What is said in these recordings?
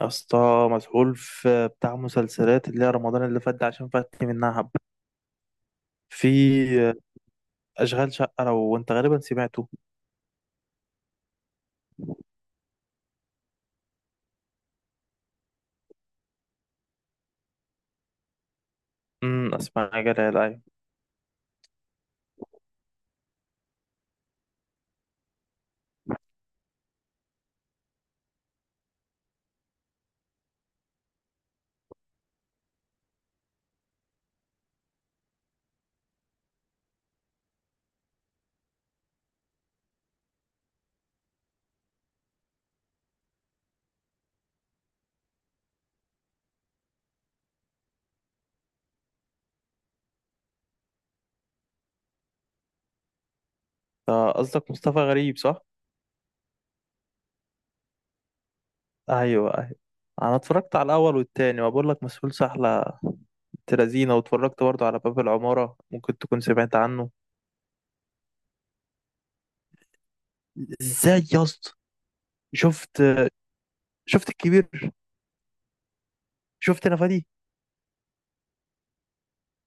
يا اسطى مسحول في بتاع مسلسلات اللي هي رمضان اللي فات ده عشان فاتني منها حبة. في أشغال شقة لو أنت غالبا سمعته. أسمع جلال، أيوة. ده قصدك مصطفى غريب صح؟ أيوة أيوة. أنا اتفرجت على الأول والتاني وبقول لك مسحول سحلة تلازينة، واتفرجت برضه على باب العمارة، ممكن تكون سمعت عنه. ازاي يا اسطى؟ شفت شفت الكبير. شفت نفادي؟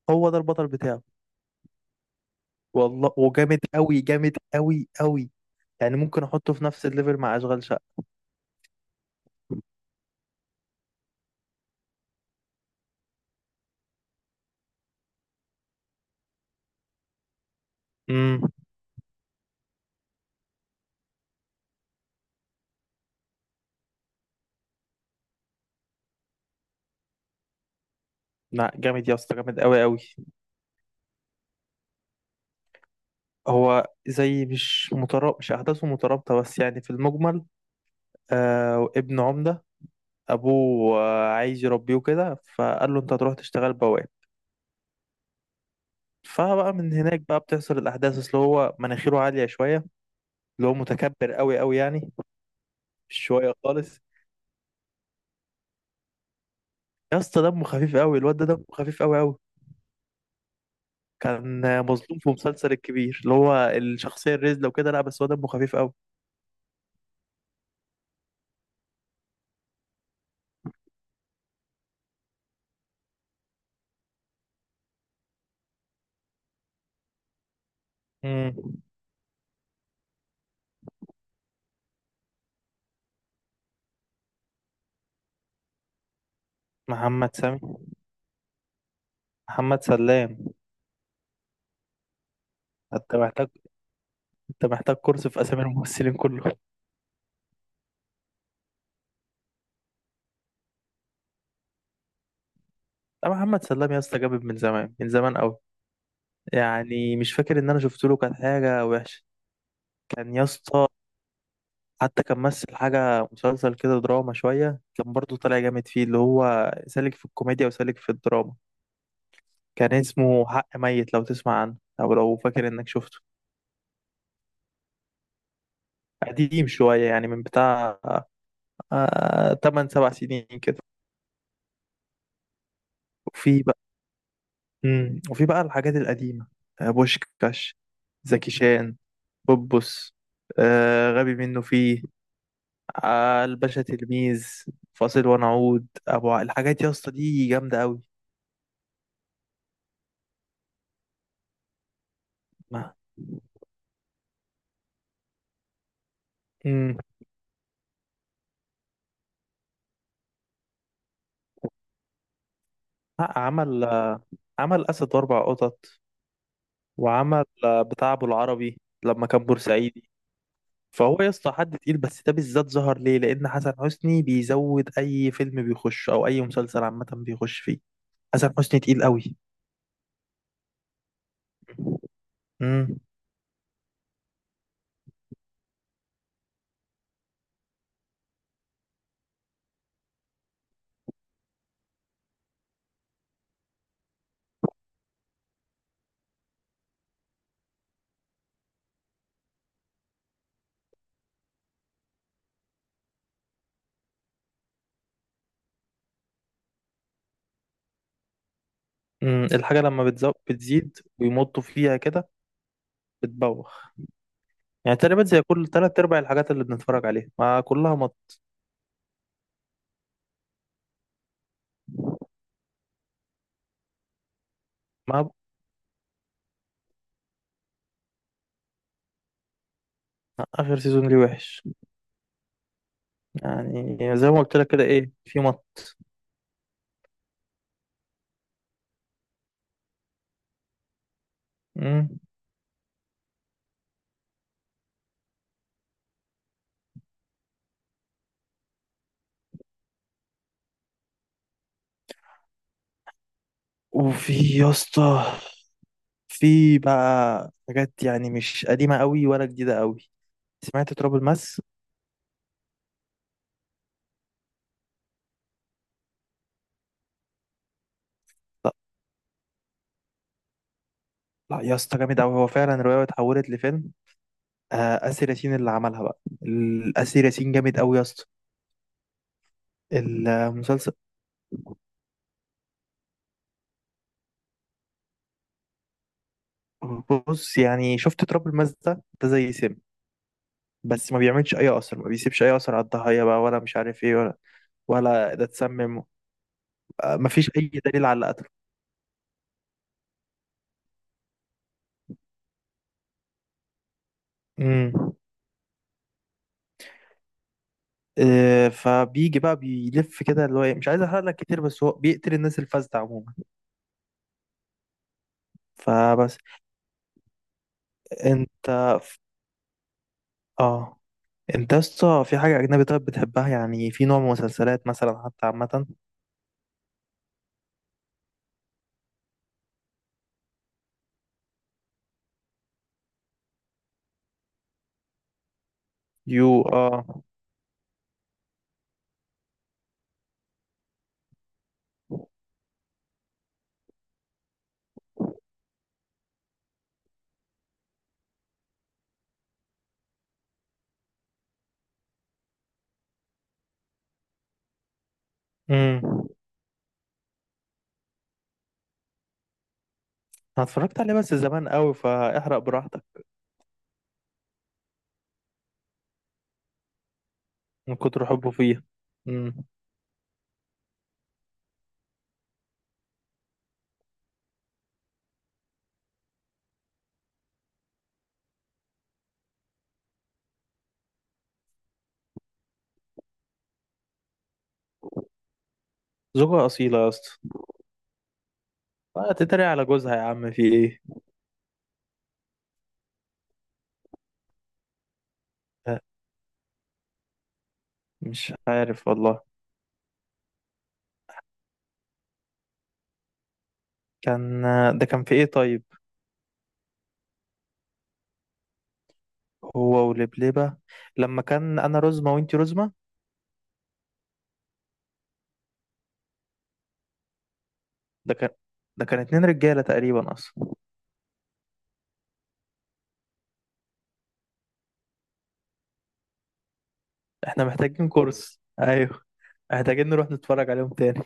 هو ده البطل بتاعه. والله وجامد قوي، جامد قوي قوي. يعني ممكن احطه في نفس الليفل مع اشغال شقه. امم لا جامد يا اسطى، جامد قوي قوي. هو زي مش مترابط، مش احداثه مترابطه، بس يعني في المجمل. ابن عمده، ابوه عايز يربيه كده، فقال له انت هتروح تشتغل بواب. فبقى من هناك بقى بتحصل الاحداث، اللي هو مناخيره عاليه شويه، اللي هو متكبر قوي قوي يعني، شويه خالص. يا اسطى دمه خفيف قوي، الواد ده دمه خفيف قوي قوي. كان مظلوم في مسلسل الكبير اللي هو الشخصيه الرزله وكده، لا بس هو دمه خفيف قوي. امم محمد سامي، محمد سلام. انت محتاج انت محتاج كورس في اسامي الممثلين كلهم. لا محمد سلام يا اسطى، جامد من زمان، من زمان قوي. يعني مش فاكر ان انا شفت له كانت حاجه وحشه. كان يا اسطى، حتى كان مثل حاجه مسلسل كده دراما شويه، كان برضه طالع جامد فيه، اللي هو سالك في الكوميديا وسالك في الدراما. كان اسمه حق ميت، لو تسمع عنه او لو فاكر انك شفته. قديم شوية، يعني من بتاع 8 7 سنين كده. وفي بقى مم. وفي بقى الحاجات القديمة، بوشكاش، زكي شان، بوبوس، غبي منه فيه، الباشا تلميذ، فاصل ونعود، الحاجات يا اسطى دي جامدة قوي. ما مم. لا، عمل عمل اسد واربع قطط، وعمل بتاع ابو العربي لما كان بورسعيدي. فهو يا اسطى حد تقيل، بس ده بالذات ظهر ليه لان حسن حسني بيزود اي فيلم بيخش او اي مسلسل عامه بيخش فيه. حسن حسني تقيل قوي. امم الحاجه لما بتزيد ويمطوا فيها كده، بتبوخ. يعني تقريبا زي كل تلات ارباع الحاجات اللي بنتفرج عليها ما كلها مط. ما اخر سيزون ليه وحش، يعني زي ما قلت لك كده، ايه في مط. امم وفي يا اسطى، في بقى حاجات يعني مش قديمه قوي ولا جديده قوي. سمعت تراب الماس؟ لا لا يا اسطى جامد قوي، هو فعلا الروايه اتحولت لفيلم. آسر ياسين اللي عملها بقى آسر ياسين جامد قوي يا اسطى. المسلسل، بص يعني شفت تراب الماس ده، ده زي سم، بس ما بيعملش اي اثر، ما بيسيبش اي اثر على الضحيه بقى، ولا مش عارف ايه، ولا ولا ده اتسمم، ما فيش اي دليل على قتله. امم فبيجي بقى بيلف كده اللي هو إيه، مش عايز احرق لك كتير، بس هو بيقتل الناس الفاسده عموما. فبس. انت اه انت اصلا في حاجة أجنبي طيب بتحبها، يعني في نوع من مسلسلات مثلا حتى عامة؟ يو، اه. امم أنا اتفرجت عليه بس زمان قوي، فاحرق براحتك. من كتر حبه فيه. امم زوجة أصيلة يا اسطى، تتريق على جوزها يا عم في ايه. آه، مش عارف والله. كان، ده كان في ايه طيب، هو ولبلبة، لما كان أنا رزمة وانتي رزمة. ده كان ده كان اتنين رجالة تقريبا أصلا. احنا محتاجين كورس، أيوه، محتاجين نروح نتفرج عليهم تاني.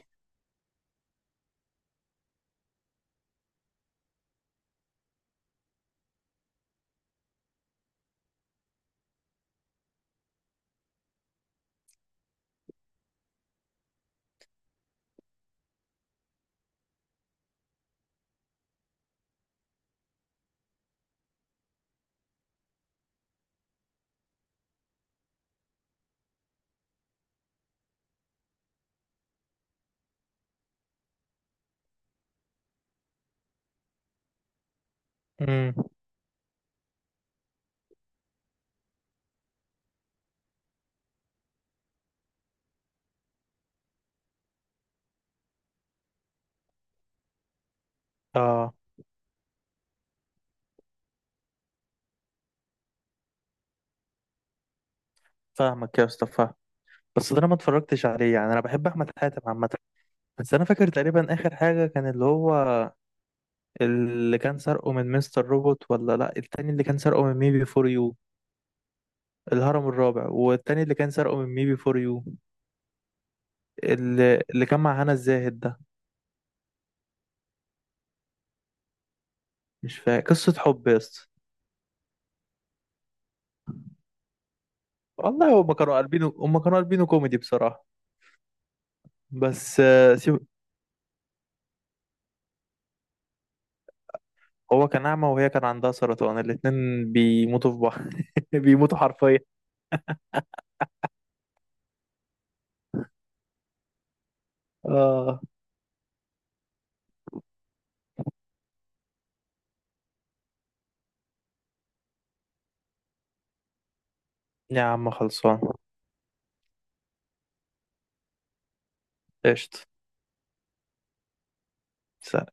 امم اه، فاهمك يا اسطى، فاهم. بس ده انا ما اتفرجتش عليه، يعني انا بحب احمد حاتم عامه. بس انا فاكر تقريبا اخر حاجه كان اللي هو، اللي كان سرقه من مستر روبوت، ولا لا، التاني اللي كان سرقه من ميبي فور يو، الهرم الرابع، والتاني اللي كان سرقه من ميبي فور يو، اللي كان مع هنا الزاهد ده. مش فاكر قصه حب يا اسطى. والله هما كانوا قلبينه كوميدي بصراحه. بس سيب. هو كان اعمى وهي كان عندها سرطان، الاتنين بيموتوا في بعض، بيموتوا حرفيا. اه يا عم خلصان. قشطة. سلام.